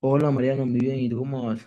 Hola Mariano, muy bien, ¿y tú cómo vas?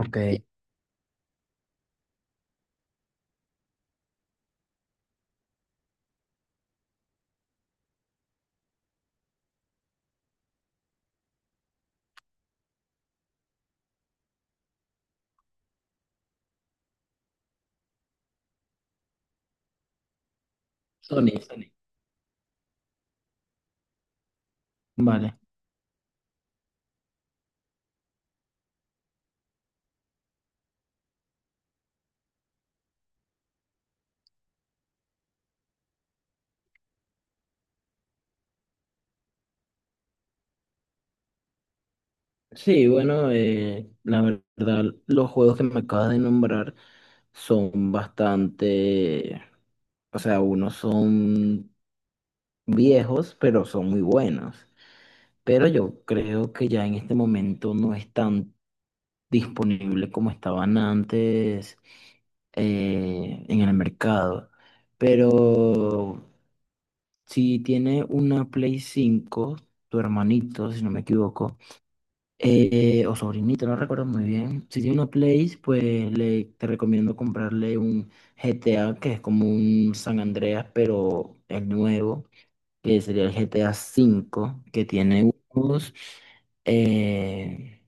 Eh, Sony, Sony. Vale. Sí, bueno, la verdad, los juegos que me acabas de nombrar son bastante, o sea, unos son viejos, pero son muy buenos. Pero yo creo que ya en este momento no es tan disponible como estaban antes en el mercado. Pero si tiene una Play 5 tu hermanito, si no me equivoco, o sobrinito, no recuerdo muy bien. Si tiene una Play, pues te recomiendo comprarle un GTA, que es como un San Andreas, pero el nuevo, que sería el GTA 5 que tiene eh,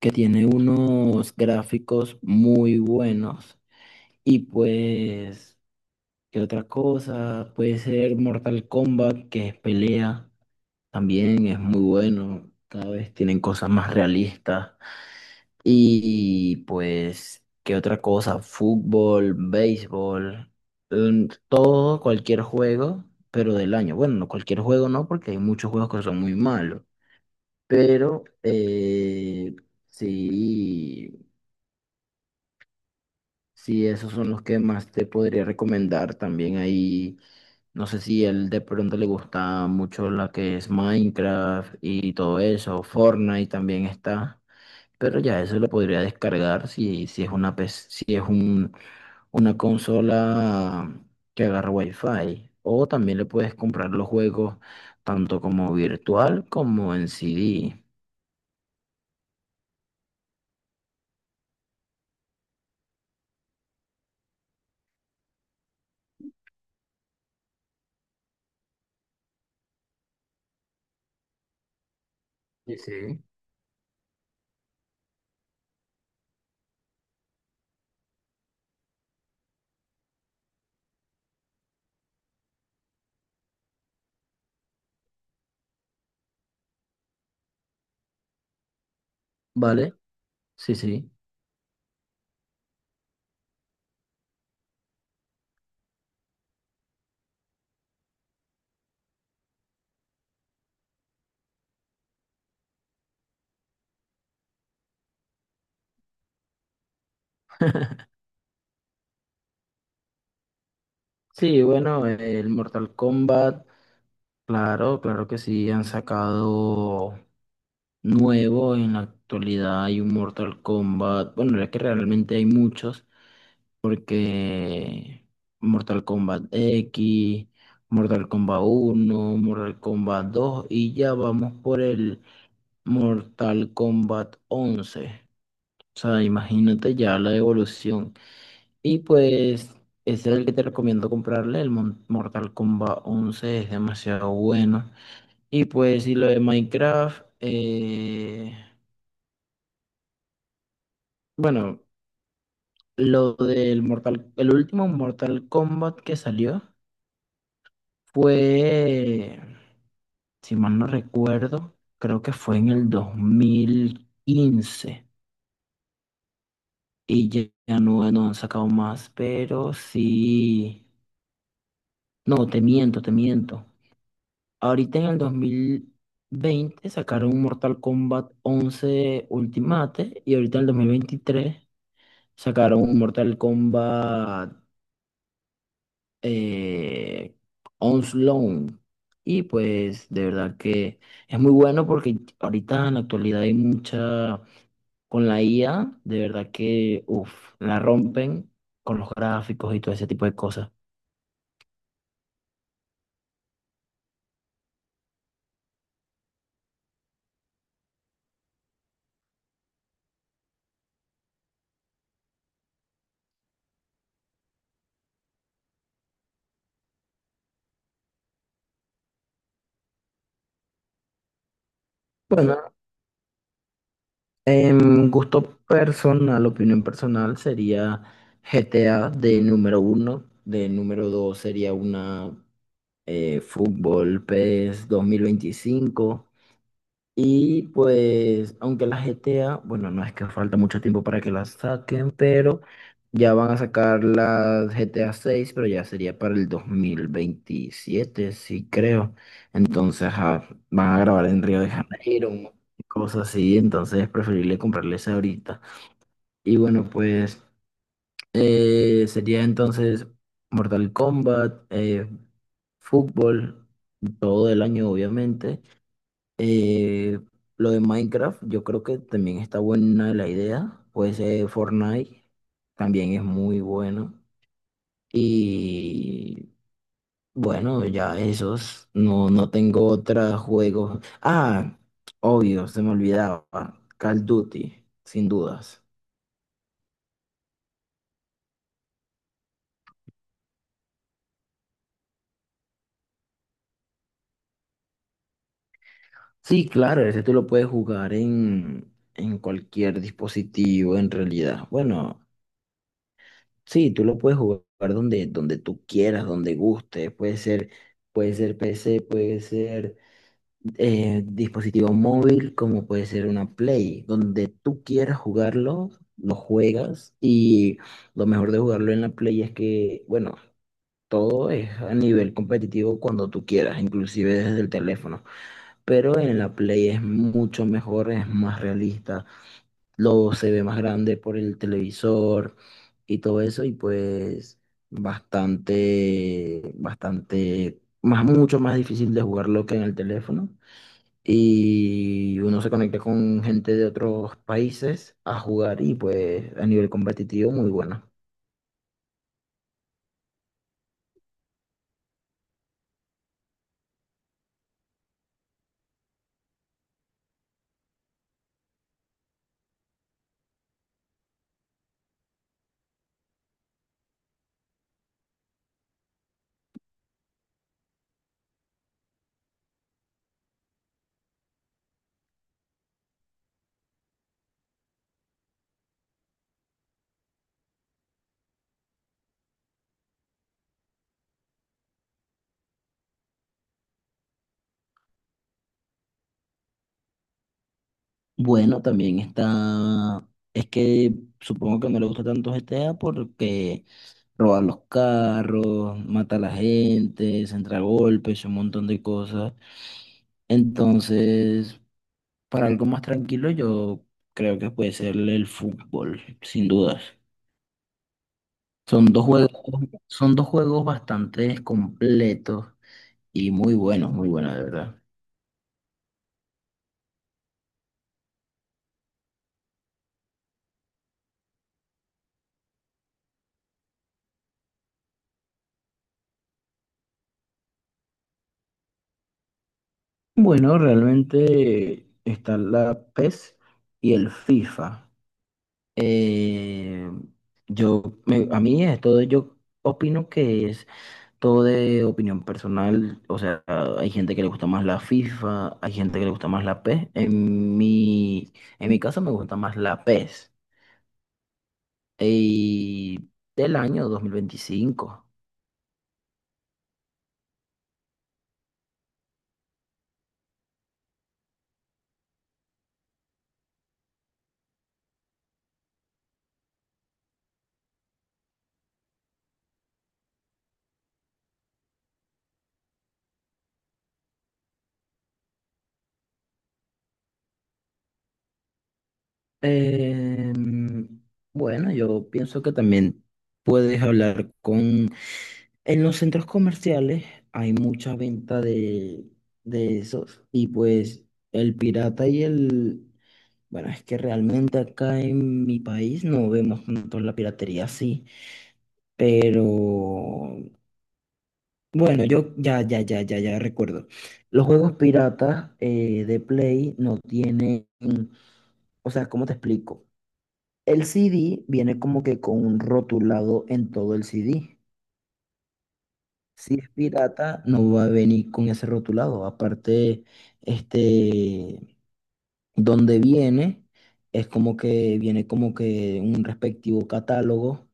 unos gráficos muy buenos. Y pues, ¿qué otra cosa? Puede ser Mortal Kombat, que es pelea. También es muy bueno, cada vez tienen cosas más realistas. Y pues, ¿qué otra cosa? Fútbol, béisbol, todo, cualquier juego, pero del año. Bueno, no cualquier juego no, porque hay muchos juegos que son muy malos. Pero sí, sí, esos son los que más te podría recomendar. También hay No sé si él de pronto le gusta mucho la que es Minecraft y todo eso, Fortnite también está, pero ya eso lo podría descargar si es una PC, si es una consola que agarra Wi-Fi. O también le puedes comprar los juegos tanto como virtual como en CD. Sí, sí. ¿Vale? Sí, sí. Sí, bueno, el Mortal Kombat, claro, claro que sí, han sacado. Nuevo. En la actualidad hay un Mortal Kombat. Bueno, es que realmente hay muchos, porque Mortal Kombat X, Mortal Kombat uno, Mortal Kombat dos y ya vamos por el Mortal Kombat 11. O sea, imagínate ya la evolución. Y pues ese es el que te recomiendo comprarle. El Mortal Kombat 11 es demasiado bueno. Y pues lo de Minecraft, bueno. El último Mortal Kombat que salió fue, si mal no recuerdo, creo que fue en el 2015 y ya no han sacado más, pero sí, no, te miento, te miento. Ahorita en el 2020 sacaron Mortal Kombat once Ultimate, y ahorita en el 2023 sacaron un Mortal Kombat eh, On loan. Y pues de verdad que es muy bueno, porque ahorita en la actualidad hay mucha, con la IA, de verdad que, uff, la rompen con los gráficos y todo ese tipo de cosas. Bueno, en gusto personal, opinión personal, sería GTA de número uno, de número dos sería una Fútbol PES 25. Y pues, aunque la GTA, bueno, no es que falta mucho tiempo para que la saquen, pero ya van a sacar la GTA 6, pero ya sería para el 2027, sí creo. Entonces, ajá, van a grabar en Río de Janeiro, cosas así, entonces es preferible comprarles ahorita. Y bueno, pues sería entonces Mortal Kombat, fútbol, todo el año obviamente. Eh, lo de Minecraft, yo creo que también está buena la idea. Pues Fortnite también es muy bueno. Y bueno, ya esos, no tengo otros juegos. Ah, obvio, se me olvidaba. Call of Duty, sin dudas. Sí, claro, ese tú lo puedes jugar en cualquier dispositivo en realidad. Bueno, sí, tú lo puedes jugar donde tú quieras, donde guste. Puede ser PC, puede ser dispositivo móvil, como puede ser una Play. Donde tú quieras jugarlo, lo juegas. Y lo mejor de jugarlo en la Play es que, bueno, todo es a nivel competitivo cuando tú quieras, inclusive desde el teléfono. Pero en la Play es mucho mejor, es más realista, lo se ve más grande por el televisor y todo eso, y pues bastante, bastante, mucho más difícil de jugarlo que en el teléfono. Y uno se conecta con gente de otros países a jugar, y pues a nivel competitivo muy bueno. Bueno, también está, es que supongo que no le gusta tanto GTA porque roba los carros, mata a la gente, se entra a golpes, un montón de cosas. Entonces, para algo más tranquilo, yo creo que puede ser el fútbol, sin dudas. Son dos juegos, Son dos juegos bastante completos y muy buenos, de verdad. Bueno, realmente está la PES y el FIFA. Eh, a mí esto yo opino que es todo de opinión personal, o sea, hay gente que le gusta más la FIFA, hay gente que le gusta más la PES. En mi caso me gusta más la PES. Y del año 2025. Em, bueno, yo pienso que también puedes hablar con... En los centros comerciales hay mucha venta de esos, y pues el pirata y el, bueno, es que realmente acá en mi país no vemos tanto la piratería así, pero bueno, yo ya recuerdo. Los juegos piratas de Play no tienen, o sea, ¿cómo te explico? El CD viene como que con un rotulado en todo el CD. Si es pirata, no va a venir con ese rotulado. Aparte, este, donde viene, es como que viene como que un respectivo catálogo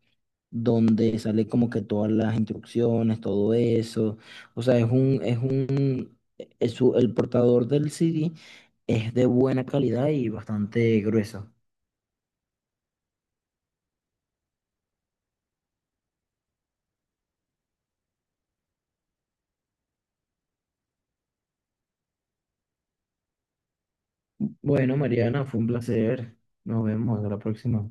donde sale como que todas las instrucciones, todo eso. O sea, es un, es un, es su- el portador del CD es de buena calidad y bastante grueso. Bueno, Mariana, fue un placer. Nos vemos a la próxima.